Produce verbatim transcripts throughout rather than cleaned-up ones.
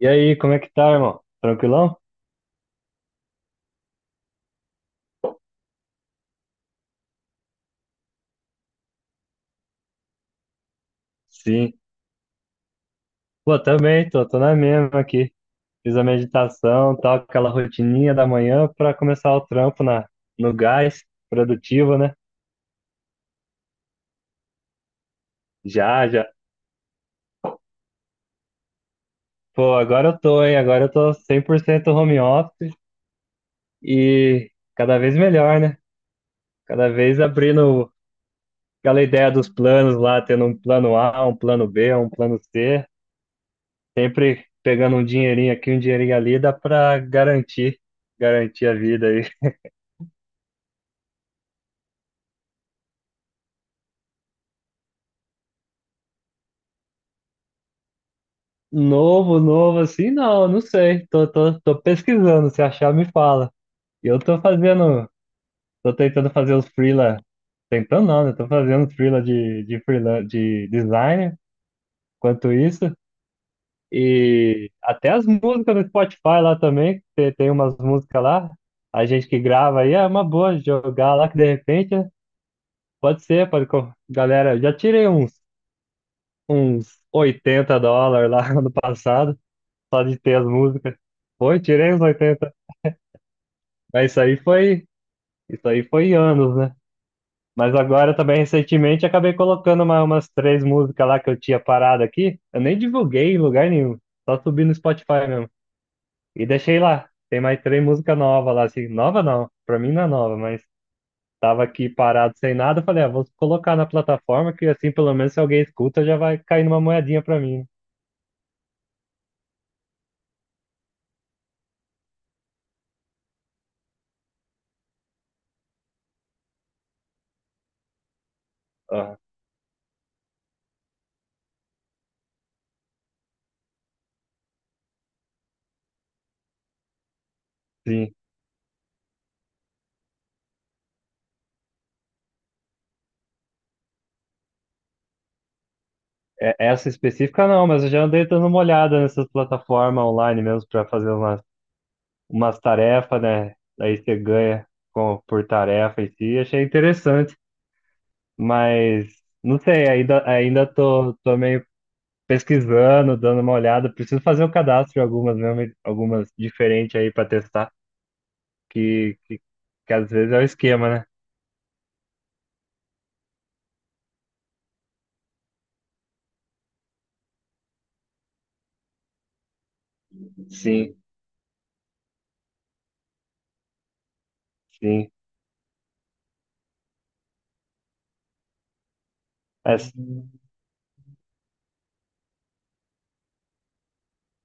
E aí, como é que tá, irmão? Tranquilão? Sim. Pô, também, tô, tô na mesma aqui. Fiz a meditação, tal, aquela rotininha da manhã pra começar o trampo na, no gás, produtivo, né? Já, já. Pô, agora eu tô, hein? Agora eu tô cem por cento home office e cada vez melhor, né? Cada vez abrindo aquela ideia dos planos lá, tendo um plano A, um plano B, um plano C, sempre pegando um dinheirinho aqui, um dinheirinho ali, dá pra garantir, garantir a vida aí. Novo, novo, assim, não, não sei. Tô, tô, tô pesquisando, se achar, me fala. E Eu tô fazendo, tô tentando fazer os freela, tentando não, né? Tô fazendo os freela de, de freela, de designer, quanto isso. E até as músicas no Spotify lá também, tem, tem umas músicas lá, a gente que grava aí, é uma boa jogar lá, que de repente, né? Pode ser, pode, co- galera, eu já tirei uns, uns oitenta dólares lá no passado, só de ter as músicas. Foi, tirei uns oitenta. Mas isso aí foi, isso aí foi anos, né? Mas agora também recentemente acabei colocando uma- umas três músicas lá que eu tinha parado aqui. Eu nem divulguei em lugar nenhum, só subi no Spotify mesmo. E deixei lá. Tem mais três músicas novas lá, assim. Nova não, pra mim não é nova, mas tava aqui parado sem nada. eu Falei, ah, vou colocar na plataforma que assim pelo menos se alguém escuta já vai cair numa moedinha pra mim. Ah, sim. É- Essa específica não, mas eu já andei dando uma olhada nessas plataformas online mesmo pra fazer uma umas tarefas, né? Aí você ganha com, por tarefa em si. Achei interessante, mas não sei, ainda, ainda tô, tô meio pesquisando, dando uma olhada. Preciso fazer um cadastro de algumas mesmo, algumas diferentes aí para testar, que, que, que às vezes é o esquema, né? Sim, sim. Essa-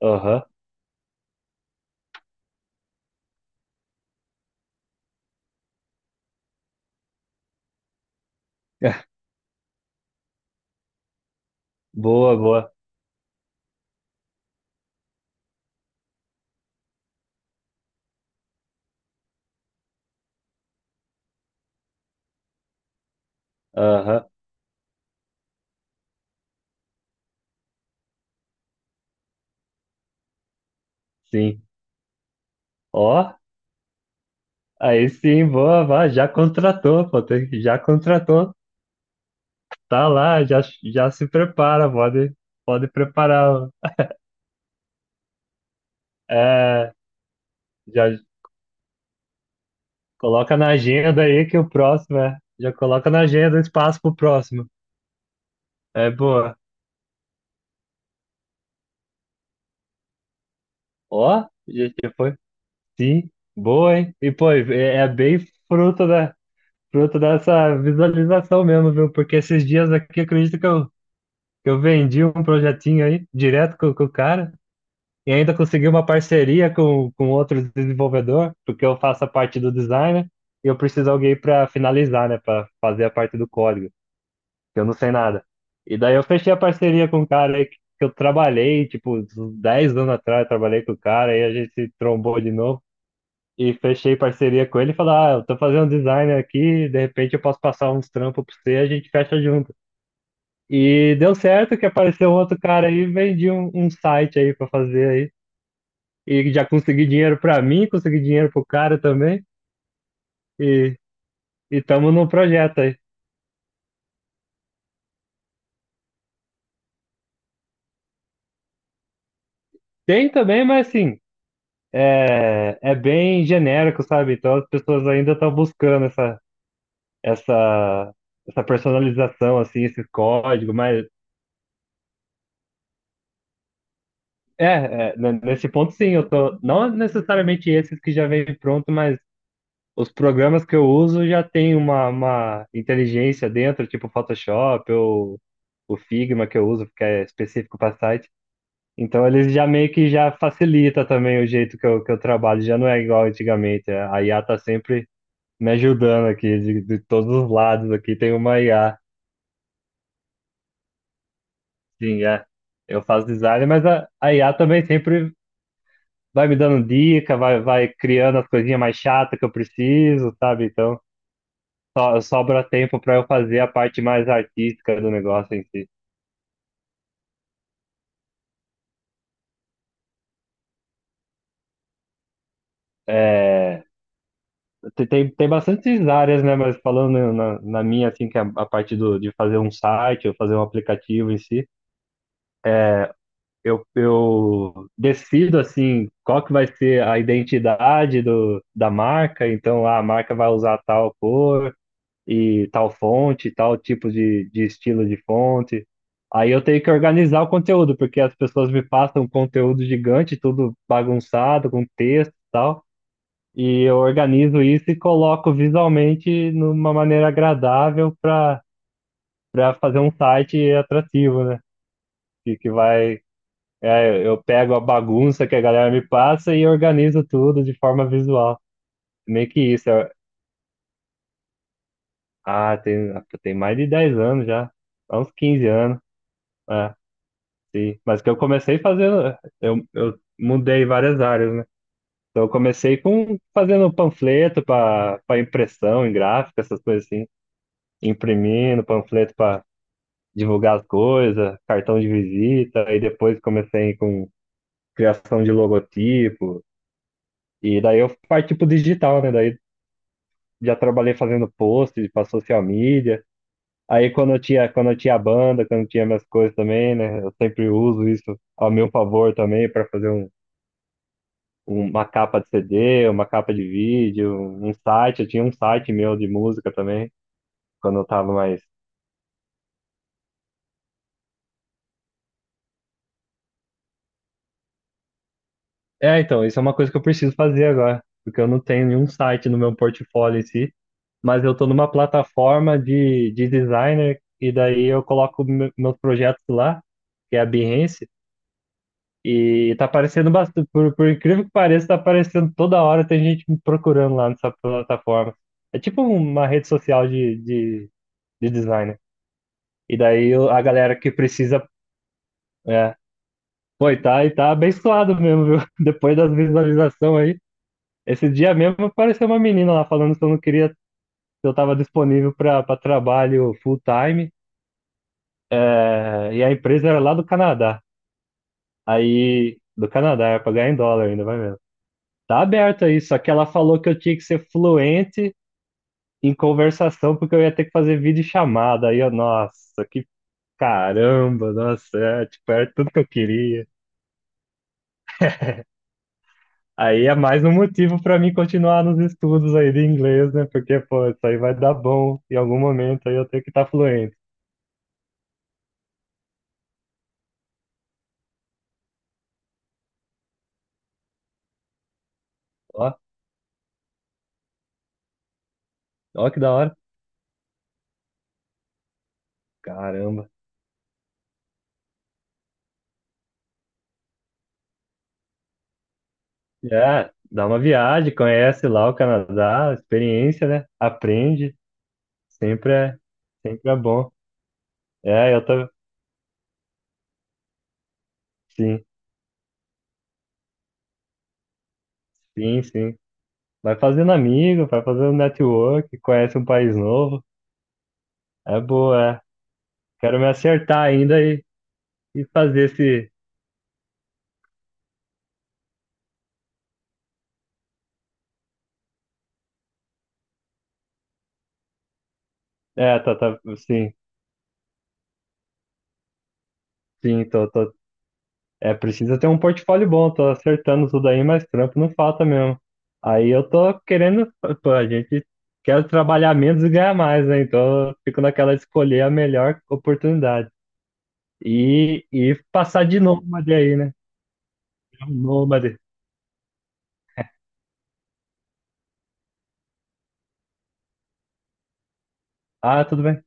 Aham. Boa, boa. Aham, sim. Ó, aí sim, boa, vá, já contratou, pô, tem- já contratou. Tá lá, já, já se prepara, pode, pode preparar. É, já coloca na agenda aí que o próximo é. Já coloca na agenda o espaço pro próximo. É boa. Ó, já já foi. Sim, boa, hein? E pô, é, é bem fruto da, fruto dessa visualização mesmo, viu? Porque esses dias aqui, acredito que eu, que eu vendi um projetinho aí, direto com, com o cara. E ainda consegui uma parceria com, com outro desenvolvedor, porque eu faço a parte do design, né, e eu preciso de alguém para finalizar, né, para fazer a parte do código, que eu não sei nada. E daí eu fechei a parceria com um cara aí que que eu trabalhei, tipo, uns dez anos atrás, eu trabalhei com o cara, aí a gente se trombou de novo e fechei parceria com ele e falei, ah, eu tô fazendo design aqui, de repente eu posso passar uns trampos pra você, a gente fecha junto. E deu certo que apareceu um outro cara aí, vendi um, um site aí pra fazer aí e já consegui dinheiro pra mim, consegui dinheiro pro cara também, e estamos num projeto aí. Tem também, mas assim, é, é bem genérico, sabe? Então as pessoas ainda estão buscando essa, essa, essa personalização, assim, esse código, mas é, é, n- nesse ponto sim, eu tô, não necessariamente esses que já vem pronto, mas os programas que eu uso já tem uma, uma inteligência dentro, tipo Photoshop ou o Figma que eu uso, que é específico para site. Então eles já meio que já facilita também o jeito que eu, que eu trabalho, já não é igual antigamente. É. A I A tá sempre me ajudando aqui, de, de todos os lados aqui tem uma I A. Sim, é. Eu faço design, mas a, a I A também sempre vai me dando dica, vai, vai criando as coisinhas mais chatas que eu preciso, sabe? Então so- sobra tempo para eu fazer a parte mais artística do negócio em si. É, Tem, tem tem bastantes áreas, né? Mas falando na, na minha, assim, que é a, a parte do, de fazer um site ou fazer um aplicativo em si, eu, eu decido, assim, qual que vai ser a identidade do, da marca. Então, ah, a marca vai usar tal cor e tal fonte, tal tipo de, de estilo de fonte. Aí eu tenho que organizar o conteúdo, porque as pessoas me passam um conteúdo gigante, tudo bagunçado, com texto e tal. E eu organizo isso e coloco visualmente numa maneira agradável para para fazer um site atrativo, né? Que, que vai. É, eu pego a bagunça que a galera me passa e organizo tudo de forma visual. Meio que isso. Eu- ah, tem, tem mais de dez anos já. Há uns quinze anos. É, sim. Mas que eu comecei fazendo. Eu, eu mudei várias áreas, né? Então eu comecei com fazendo panfleto para para impressão em gráfica, essas coisas assim. Imprimindo panfleto divulgar as coisas, cartão de visita, aí depois comecei com criação de logotipo, e daí eu parti pro digital, né? Daí já trabalhei fazendo post pra social media. Aí quando eu tinha, quando eu tinha banda, quando eu tinha minhas coisas também, né? Eu sempre uso isso ao meu favor também para fazer um, uma capa de C D, uma capa de vídeo, um site. Eu tinha um site meu de música também, quando eu tava mais. É, então, isso é uma coisa que eu preciso fazer agora, porque eu não tenho nenhum site no meu portfólio em si. mas eu tô numa plataforma de, de designer e daí eu coloco me- meus projetos lá, que é a Behance, e tá aparecendo bastante, por, por incrível que pareça, tá aparecendo toda hora, tem gente me procurando lá nessa plataforma. É tipo uma rede social de, de, de designer. E daí eu- a galera que precisa, é, pô, e tá, e tá abençoado mesmo, viu? Depois das visualizações aí. Esse dia mesmo apareceu uma menina lá falando que eu não queria, que eu tava disponível para trabalho full time É, e a empresa era lá do Canadá. Aí, do Canadá, era pra em dólar ainda, vai vendo. Tá aberto aí, só que ela falou que eu tinha que ser fluente em conversação, porque eu ia ter que fazer vídeo chamada. Aí eu, nossa, que caramba, nossa, é, tipo, era tudo que eu queria. Aí é mais um motivo pra mim continuar nos estudos aí de inglês, né? Porque, pô, isso aí vai dar bom em algum momento aí eu tenho que estar fluente. Ó, ó que da hora. Caramba. É, dá uma viagem, conhece lá o Canadá, experiência, né? Aprende, sempre é, sempre é bom. É, eu tô, sim, sim, sim. Vai fazendo amigo, vai fazendo network, conhece um país novo. É boa, é. Quero me acertar ainda e, e fazer esse. É, tá, tá, sim, sim, tô, tô. É, precisa ter um portfólio bom, tô acertando tudo aí, mas trampo não falta mesmo. Aí eu tô querendo, pô, a gente quer trabalhar menos e ganhar mais, né? Então eu fico naquela de escolher a melhor oportunidade. E, e passar de nômade aí, né? É um Nômade. Ah, tudo bem.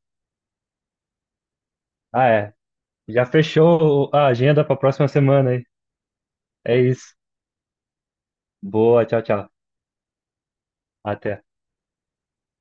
Ah, é. Já fechou a agenda pra próxima semana aí. É isso. Boa, tchau, tchau. Até.